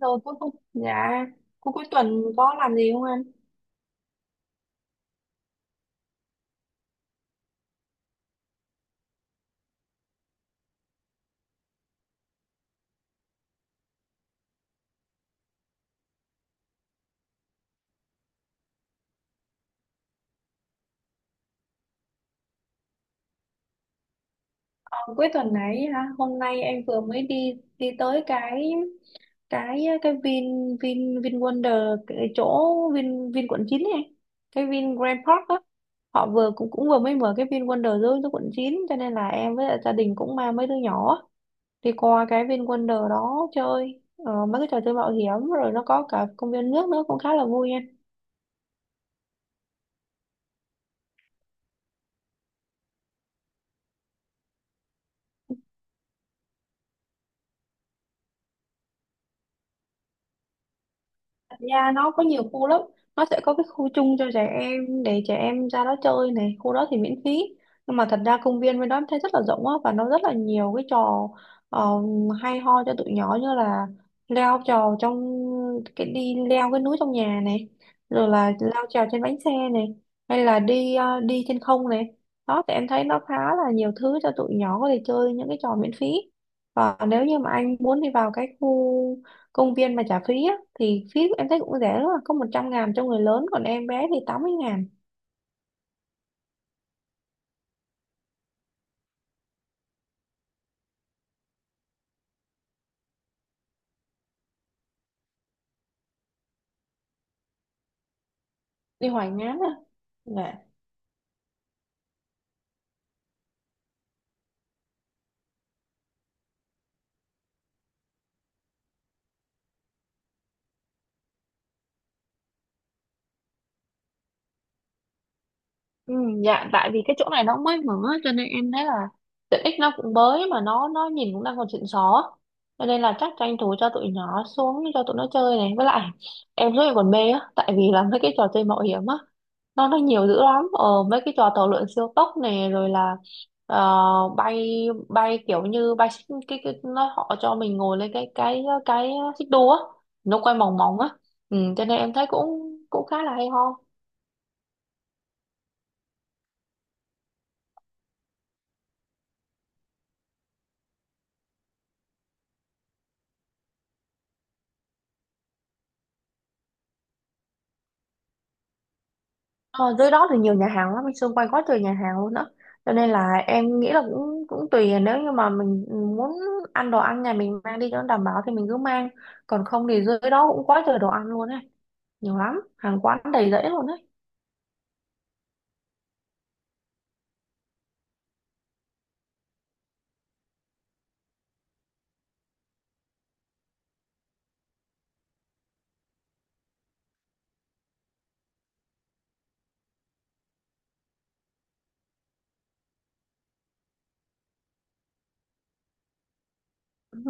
Rồi cuối cùng, dạ, cuối cuối tuần có làm gì không anh? Ờ, cuối tuần này hả? Hôm nay em vừa mới đi đi tới cái Vin Vin Vin Wonder cái chỗ Vin Vin quận 9 này, cái Vin Grand Park á. Họ vừa cũng cũng vừa mới mở cái Vin Wonder dưới dưới quận 9, cho nên là em với lại gia đình cũng mang mấy đứa nhỏ á, đi qua cái Vin Wonder đó chơi mấy cái trò chơi mạo hiểm rồi nó có cả công viên nước nữa cũng khá là vui. Thật ra nó có nhiều khu lắm, nó sẽ có cái khu chung cho trẻ em để trẻ em ra đó chơi này, khu đó thì miễn phí, nhưng mà thật ra công viên bên đó em thấy rất là rộng á, và nó rất là nhiều cái trò ờ, hay ho cho tụi nhỏ, như là leo trò trong cái đi leo cái núi trong nhà này, rồi là leo trèo trên bánh xe này, hay là đi đi trên không này. Đó thì em thấy nó khá là nhiều thứ cho tụi nhỏ có thể chơi những cái trò miễn phí. Và nếu như mà anh muốn đi vào cái khu công viên mà trả phí á, thì phí em thấy cũng rẻ lắm à, có 100.000 cho người lớn, còn em bé thì 80.000. Đi Hoài Ngán à. Dạ. Ừ, dạ tại vì cái chỗ này nó cũng mới mở, cho nên em thấy là tiện ích nó cũng mới, mà nó nhìn cũng đang còn xịn xó, cho nên là chắc tranh thủ cho tụi nhỏ xuống cho tụi nó chơi này, với lại em rất là còn mê á, tại vì là mấy cái trò chơi mạo hiểm á, nó nhiều dữ lắm. Ờ, mấy cái trò tàu lượn siêu tốc này, rồi là ờ, bay bay kiểu như cái nó họ cho mình ngồi lên cái xích đu á, nó quay mòng mòng á. Ừ, cho nên em thấy cũng cũng khá là hay ho. Ờ, dưới đó thì nhiều nhà hàng lắm, anh, xung quanh quá trời nhà hàng luôn đó. Cho nên là em nghĩ là cũng cũng tùy, nếu như mà mình muốn ăn đồ ăn nhà mình mang đi cho nó đảm bảo thì mình cứ mang. Còn không thì dưới đó cũng quá trời đồ ăn luôn ấy, nhiều lắm, hàng quán đầy rẫy luôn ấy.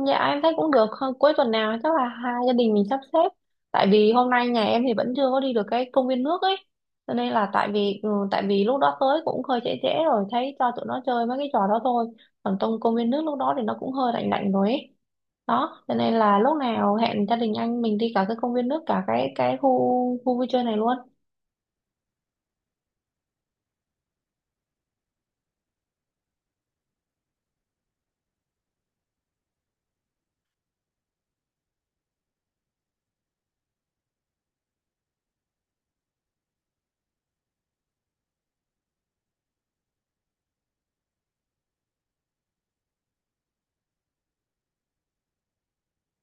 Dạ em thấy cũng được. Hơn cuối tuần nào chắc là hai gia đình mình sắp xếp. Tại vì hôm nay nhà em thì vẫn chưa có đi được cái công viên nước ấy. Cho nên là tại vì ừ, tại vì lúc đó tới cũng hơi trễ trễ rồi, thấy cho tụi nó chơi mấy cái trò đó thôi. Còn trong công viên nước lúc đó thì nó cũng hơi lạnh lạnh rồi ấy. Đó cho nên là lúc nào hẹn gia đình anh mình đi cả cái công viên nước cả cái khu khu vui chơi này luôn,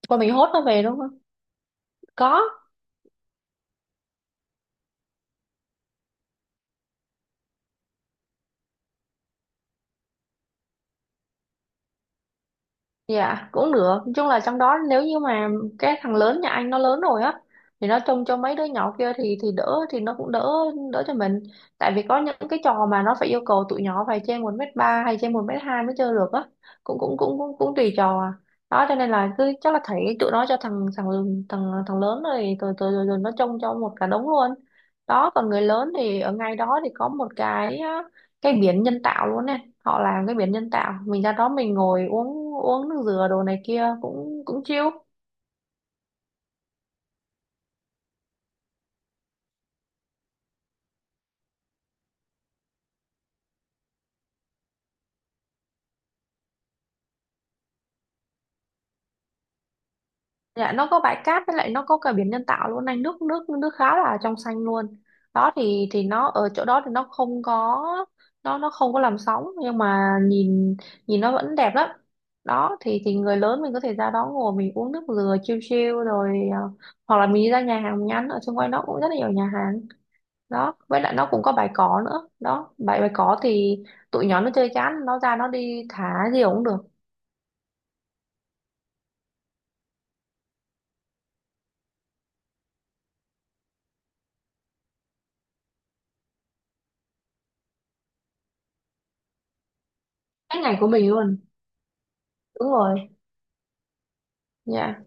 còn mình hốt nó về đúng không? Có. Dạ cũng được. Nói chung là trong đó, nếu như mà cái thằng lớn nhà anh nó lớn rồi á, thì nó trông cho mấy đứa nhỏ kia thì đỡ thì nó cũng đỡ, đỡ cho mình. Tại vì có những cái trò mà nó phải yêu cầu tụi nhỏ phải trên 1,3 mét hay trên 1,2 mét mới chơi được á, cũng cũng cũng cũng cũng tùy trò à. Đó cho nên là cứ chắc là thấy tụi nó, cho thằng thằng thằng thằng lớn rồi rồi, nó trông cho một cả đống luôn. Đó còn người lớn thì ở ngay đó thì có một cái á, cái biển nhân tạo luôn nè, họ làm cái biển nhân tạo, mình ra đó mình ngồi uống uống nước dừa đồ này kia cũng cũng chill. Dạ nó có bãi cát, với lại nó có cả biển nhân tạo luôn anh, nước nước nước khá là trong xanh luôn. Đó thì nó ở chỗ đó thì nó không có, nó không có làm sóng, nhưng mà nhìn nhìn nó vẫn đẹp lắm. Đó thì người lớn mình có thể ra đó ngồi mình uống nước dừa chill chill, rồi à, hoặc là mình đi ra nhà hàng mình ăn ở xung quanh đó cũng rất là nhiều nhà hàng. Đó với lại nó cũng có bài có nữa, đó bài bài có thì tụi nhỏ nó chơi chán nó ra nó đi thả gì cũng được. Cái ngành của mình luôn. Đúng rồi. Dạ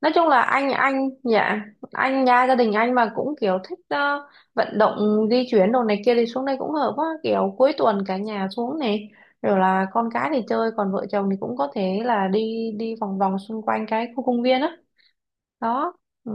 nói chung là anh dạ, anh nha, gia đình anh mà cũng kiểu thích vận động di chuyển đồ này kia thì xuống đây cũng hợp quá, kiểu cuối tuần cả nhà xuống này, rồi là con cái thì chơi, còn vợ chồng thì cũng có thể là đi đi vòng vòng xung quanh cái khu công viên á đó, đó. Ừ.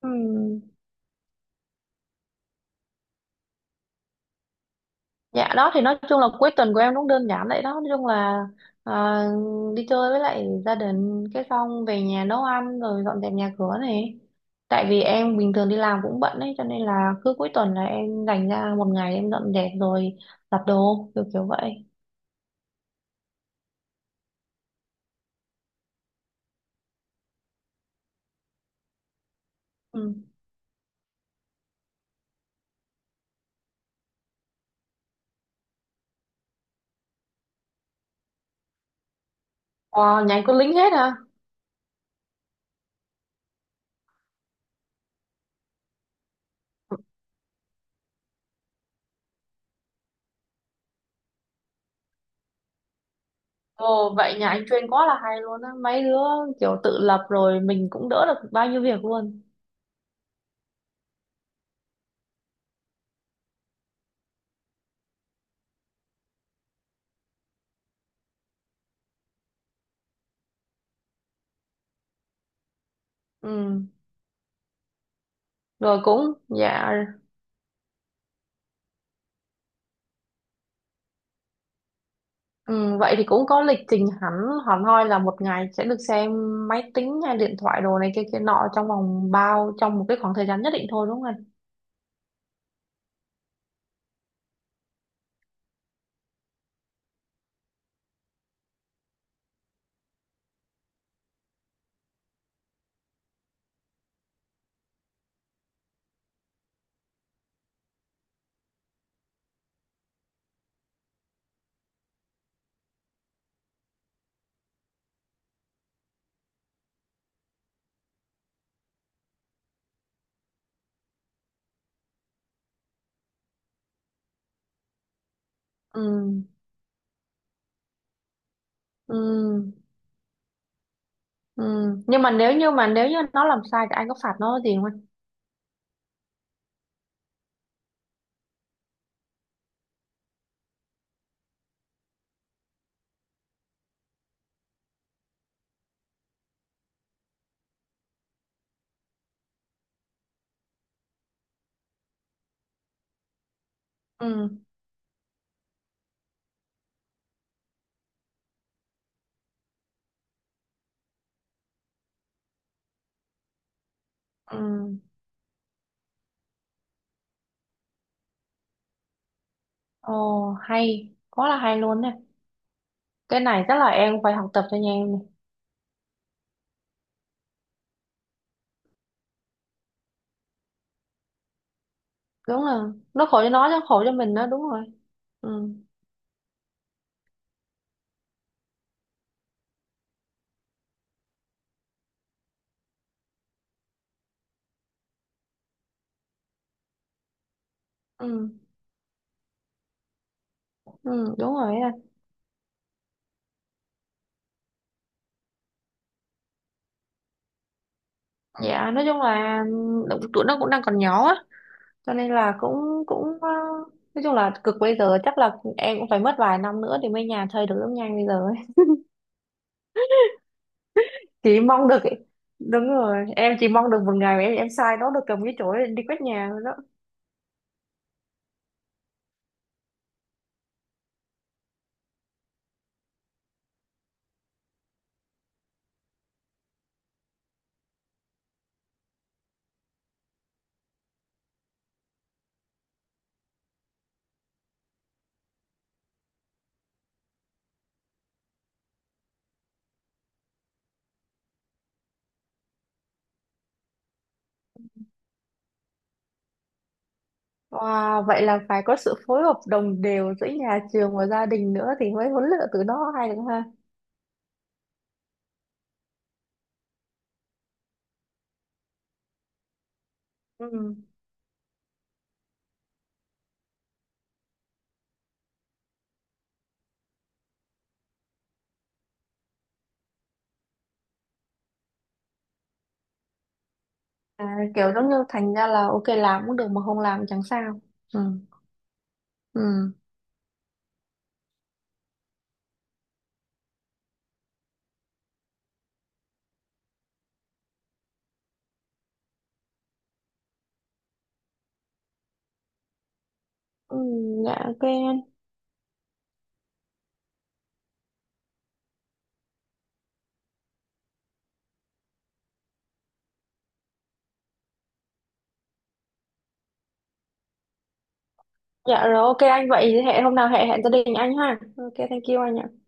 Ừ. Dạ đó thì nói chung là cuối tuần của em cũng đơn giản vậy đó. Nói chung là à, đi chơi với lại gia đình. Cái xong về nhà nấu ăn rồi dọn dẹp nhà cửa này. Tại vì em bình thường đi làm cũng bận ấy, cho nên là cứ cuối tuần là em dành ra một ngày em dọn dẹp rồi giặt đồ kiểu kiểu vậy. Ừ. Wow, nhà anh có lính hết hả? Ồ vậy nhà anh chuyên quá là hay luôn á. Mấy đứa kiểu tự lập rồi mình cũng đỡ được bao nhiêu việc luôn. Ừ, rồi, cũng, dạ. Ừ, vậy thì cũng có lịch trình hẳn hẳn hoi là một ngày sẽ được xem máy tính hay điện thoại đồ này kia kia nọ trong vòng bao trong một cái khoảng thời gian nhất định thôi đúng không anh? Ừ, ừ, ừ. Nhưng mà nếu như nó làm sai thì anh có phạt nó gì không anh? Ừ, ừ. Ồ, hay, quá là hay luôn nè. Cái này chắc là em phải học tập cho nhà em này. Đúng là nó khổ cho nó chứ khổ cho mình đó đúng rồi. Ừ, ừ, ừ, đúng rồi anh. Dạ, nói chung là ừ, tụi nó cũng đang còn nhỏ á, cho nên là cũng cũng nói chung là cực, bây giờ chắc là em cũng phải mất vài năm nữa thì mới nhà chơi được giống nhanh bây giờ ấy. Chỉ mong được, đúng rồi, em chỉ mong được một ngày mà em sai nó được cầm cái chổi lên đi quét nhà thôi đó. Wow vậy là phải có sự phối hợp đồng đều giữa nhà trường và gia đình nữa thì mới huấn luyện từ nó hay được ha. Ừ. À, kiểu giống như thành ra là ok làm cũng được mà không làm chẳng sao. Ừ. Ừ. Ừ, dạ ok anh. Dạ rồi ok anh, vậy hẹn hôm nào hẹn hẹn gia đình anh ha, ok thank you anh ạ.